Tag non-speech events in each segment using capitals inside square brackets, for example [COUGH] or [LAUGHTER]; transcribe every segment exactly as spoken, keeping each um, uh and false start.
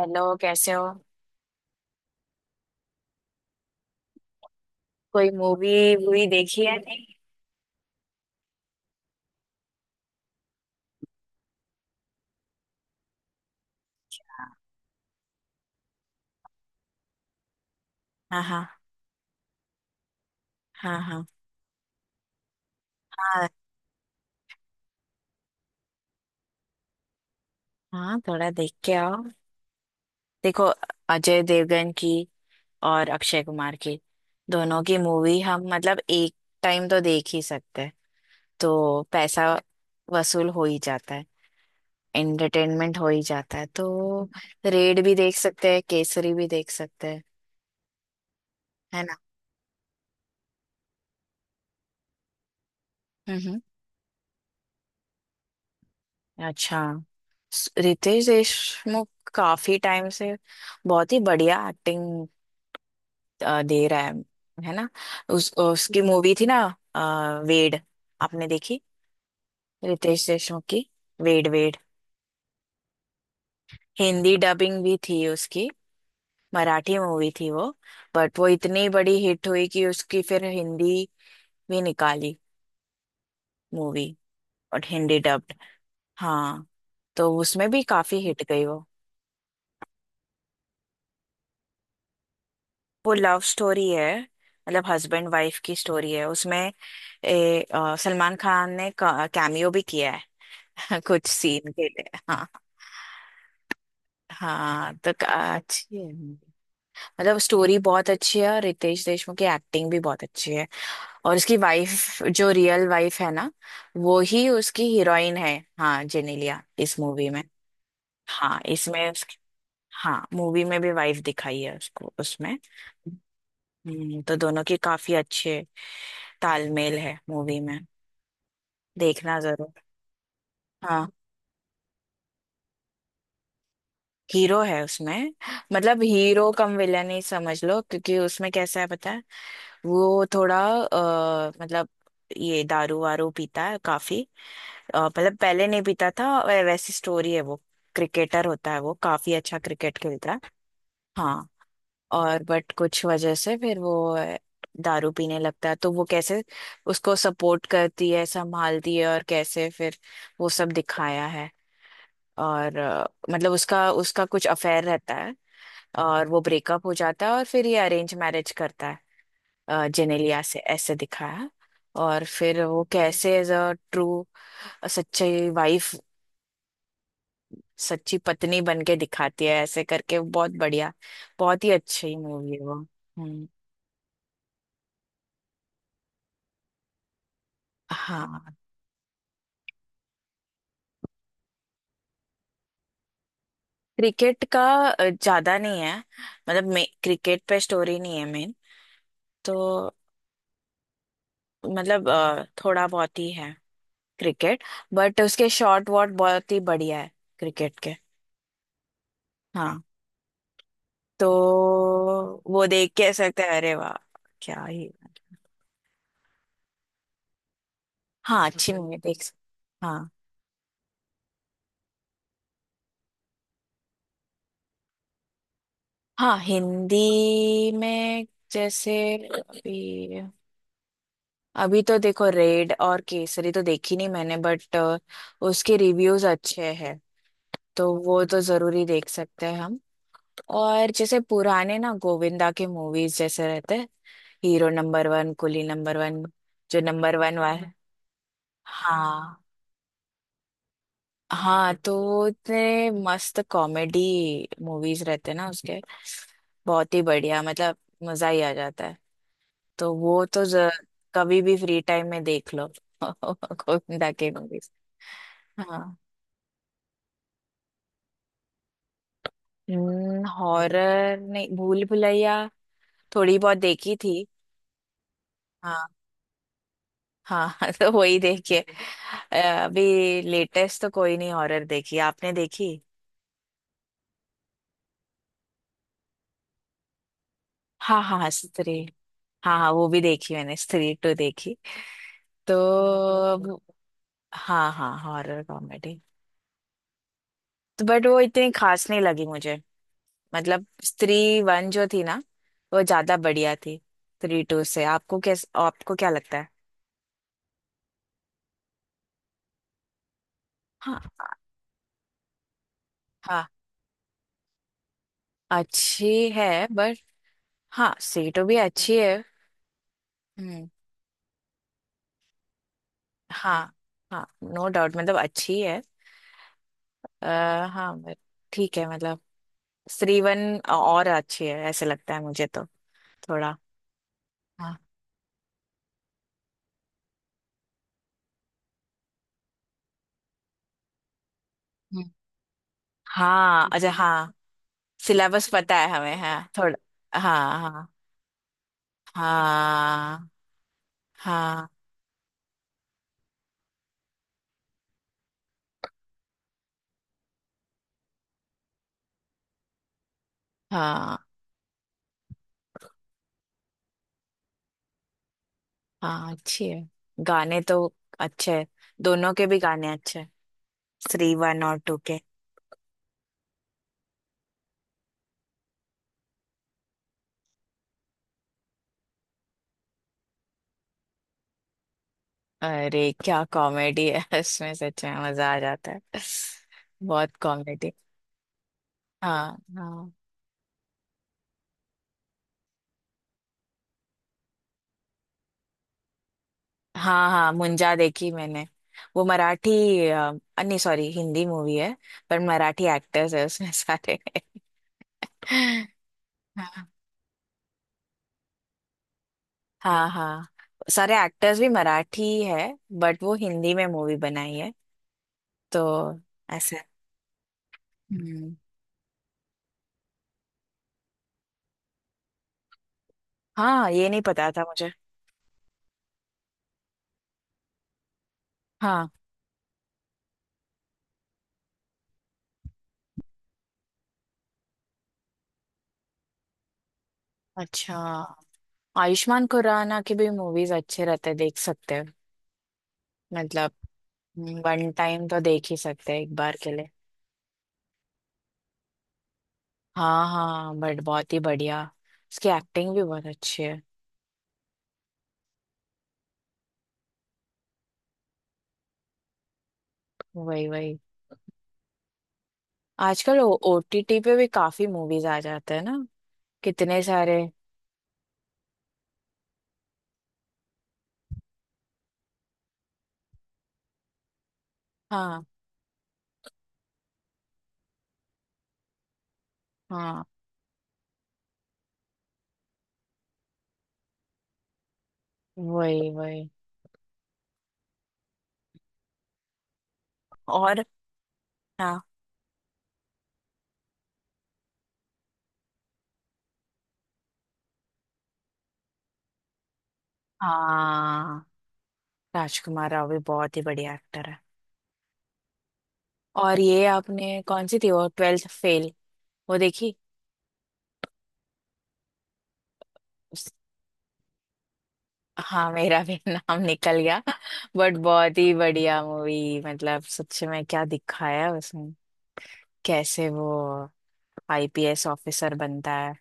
Hello, कैसे हो। कोई मूवी वूवी देखी है? नहीं। हाँ हाँ। हाँ हाँ। हाँ हाँ। थोड़ा देख के आओ। देखो, अजय देवगन की और अक्षय कुमार की, दोनों की मूवी हम मतलब एक टाइम तो देख ही सकते हैं। तो पैसा वसूल हो ही जाता है। एंटरटेनमेंट हो ही जाता है। तो रेड भी देख सकते हैं, केसरी भी देख सकते हैं, है ना। हम्म हम्म। अच्छा। स- रितेश देशमुख काफी टाइम से बहुत ही बढ़िया एक्टिंग अ, दे रहा है है ना। उस उसकी मूवी थी ना। अ, वेड, आपने देखी रितेश देशमुख की वेड वेड? हिंदी डबिंग भी थी उसकी। मराठी मूवी थी वो। बट वो इतनी बड़ी हिट हुई कि उसकी फिर हिंदी भी निकाली मूवी। और हिंदी डब्ड। हाँ, तो उसमें भी काफी हिट गई वो। वो लव स्टोरी है, मतलब हस्बैंड वाइफ की स्टोरी है उसमें। ए, अ, सलमान खान ने कैमियो भी किया है [LAUGHS] कुछ सीन के लिए, हाँ। हाँ तो क- अच्छी है। मतलब स्टोरी बहुत अच्छी है और रितेश देशमुख की एक्टिंग भी बहुत अच्छी है। और उसकी वाइफ जो रियल वाइफ है ना, वो ही उसकी हीरोइन है, हाँ, जेनेलिया, इस मूवी में। हाँ इसमें उसकी। हाँ मूवी में भी वाइफ दिखाई है उसको उसमें। हम्म, तो दोनों की काफी अच्छे तालमेल है मूवी में। देखना जरूर। हाँ। हीरो है उसमें। मतलब हीरो कम विलन ही समझ लो, क्योंकि उसमें कैसा है पता है, वो थोड़ा अ, मतलब ये दारू वारू पीता है काफी। अ, मतलब पहले नहीं पीता था, वै- वैसी स्टोरी है वो। क्रिकेटर होता है वो, काफी अच्छा क्रिकेट खेलता है। हाँ। और बट कुछ वजह से फिर वो अ, दारू पीने लगता है, तो वो कैसे उसको सपोर्ट करती है, संभालती है, और कैसे फिर वो सब दिखाया है। और अ, मतलब उसका उसका कुछ अफेयर रहता है। और वो ब्रेकअप हो जाता है, और फिर ये अरेंज मैरिज करता है अ, जेनेलिया से, ऐसे दिखाया। और फिर वो कैसे एज अ ट्रू, सच्ची वाइफ, सच्ची पत्नी बन के दिखाती है, ऐसे करके बहुत बढ़िया। बहुत ही अच्छी मूवी है वो, हम्म। हाँ, क्रिकेट का अ, ज्यादा नहीं है। मतलब मे क्रिकेट पे स्टोरी नहीं है मेन, तो मतलब अ, थोड़ा बहुत ही है क्रिकेट। बट उसके शॉट वॉट बहुत ही बढ़िया है, क्रिकेट के। हाँ तो वो देख के सकते हैं, अरे वाह, क्या ही। हाँ अच्छी मूवी देख सकते, हाँ। हाँ, हिंदी में। जैसे, अभी। अभी तो देखो, रेड और केसरी तो देखी नहीं मैंने, बट उसके रिव्यूज अच्छे हैं, तो वो तो जरूरी देख सकते हैं हम। और जैसे पुराने ना गोविंदा के मूवीज जैसे रहते हैं, hero number one, coolie number one, जो नंबर वन वाला। हाँ, हाँ तो इतने मस्त कॉमेडी मूवीज रहते हैं ना उसके, बहुत ही बढ़िया, मतलब मजा ही आ जाता है। तो वो तो ज, कभी भी फ्री टाइम में देख लो [LAUGHS] गोविंदा के मूवीज। हाँ। हॉरर नहीं, भूल भुलैया थोड़ी बहुत देखी थी। हाँ हाँ [LAUGHS] तो वही देखिए। अ, अभी लेटेस्ट तो कोई नहीं हॉरर देखी, आपने देखी? हाँ हाँ स्त्री, हाँ हाँ वो भी देखी मैंने, स्त्री टू देखी तो। अब- हाँ हाँ हॉरर कॉमेडी। तो बट वो इतनी खास नहीं लगी मुझे, मतलब स्त्री वन जो थी ना, वो ज्यादा बढ़िया थी। स्त्री टू से आपको कैस, आपको क्या लगता है? हाँ हाँ अच्छी है, बट हाँ स्त्री टू भी अच्छी है। हम्म। हाँ हाँ नो डाउट, मतलब अच्छी है। आ, हाँ, but ठीक है, मतलब स्त्री वन और अच्छी है, ऐसे लगता है मुझे तो, थोड़ा। हाँ हाँ अच्छा, हाँ सिलेबस पता है हमें, हाँ थोड़ा, हाँ हाँ। हाँ हाँ। हाँ हाँ। अच्छी है, गाने तो अच्छे हैं, दोनों के भी गाने अच्छे हैं, थ्री वन और टू के। अरे क्या कॉमेडी है [LAUGHS] इसमें, सच में मजा आ जाता है, बहुत कॉमेडी। हाँ। हाँ। हाँ हाँ मुंजा देखी मैंने, वो मराठी, अ, नहीं सॉरी हिंदी मूवी है, पर मराठी एक्टर्स है उसमें सारे [LAUGHS] हाँ हाँ। हाँ, सारे एक्टर्स भी मराठी ही है, बट वो हिंदी में मूवी बनाई है, तो ऐसे। हम्म। हाँ, ये नहीं पता था मुझे। हाँ अच्छा, आयुष्मान खुराना की भी मूवीज अच्छे रहते हैं, देख सकते हैं, मतलब वन टाइम तो देख ही सकते हैं, एक बार के लिए। हाँ हाँ, बट बहुत ही बढ़िया, उसकी एक्टिंग भी बहुत अच्छी है। वही वही, आजकल ओटीटी पे भी काफी मूवीज आ जाते हैं ना, कितने सारे। हाँ हाँ, वही वही। और हाँ, हाँ राजकुमार राव भी बहुत ही बढ़िया एक्टर है। और ये आपने कौन सी थी वो, ट्वेल्थ फेल, वो देखी। उस- हाँ मेरा भी [LAUGHS] नाम निकल गया। बट बहुत ही बढ़िया मूवी, मतलब सच में क्या दिखाया है उसमें, कैसे वो आईपीएस ऑफिसर बनता है।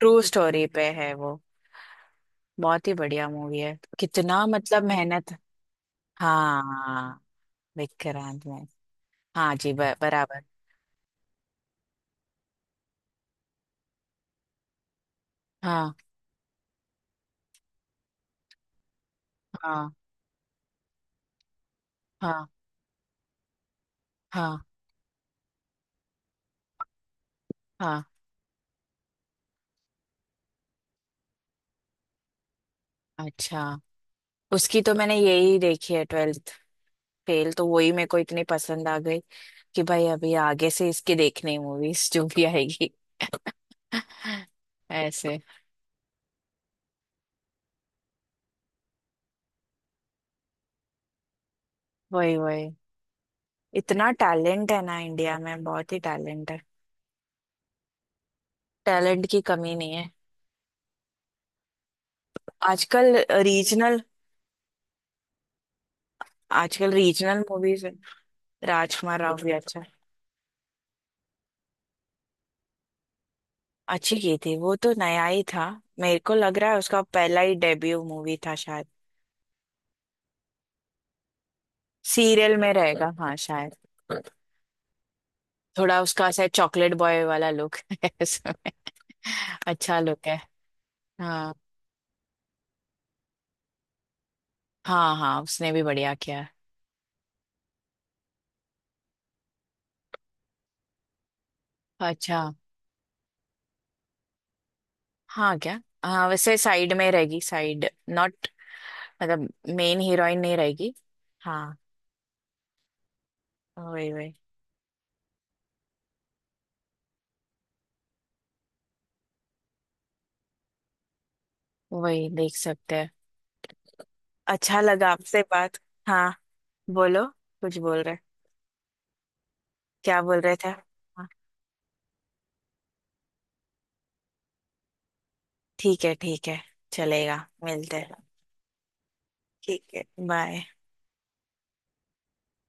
ट्रू स्टोरी पे है वो, बहुत ही बढ़िया मूवी है, कितना मतलब मेहनत। हाँ विक्रांत में, हाँ जी, ब, बराबर। हाँ हाँ। हाँ हाँ। हाँ। अच्छा, उसकी तो मैंने यही देखी है, ट्वेल्थ फेल, तो वही मेरे को इतनी पसंद आ गई कि भाई अभी आगे से इसकी देखनी मूवीज [LAUGHS] जो भी आएगी [LAUGHS] ऐसे। वही वही, इतना टैलेंट है ना इंडिया में, बहुत ही टैलेंट है, टैलेंट की कमी नहीं है। आजकल रीजनल। आजकल रीजनल मूवीज है, राजकुमार राव भी अच्छा। अच्छी की थी, वो तो नया ही था, मेरे को लग रहा है उसका पहला ही डेब्यू मूवी था शायद। सीरियल में रहेगा हाँ शायद। थोड़ा उसका ऐसा चॉकलेट बॉय वाला लुक [LAUGHS] है उसमें, अच्छा लुक है। हाँ हाँ। हाँ, उसने भी बढ़िया किया है। अच्छा। हाँ क्या, हाँ वैसे साइड में रहेगी, साइड नॉट, मतलब मेन हीरोइन नहीं रहेगी। हाँ, वही वही। वही देख सकते हैं। अच्छा लगा आपसे बात। हाँ बोलो, कुछ बोल रहे, क्या बोल रहे थे। हाँ ठीक है, ठीक है, चलेगा, मिलते हैं, ठीक है, बाय।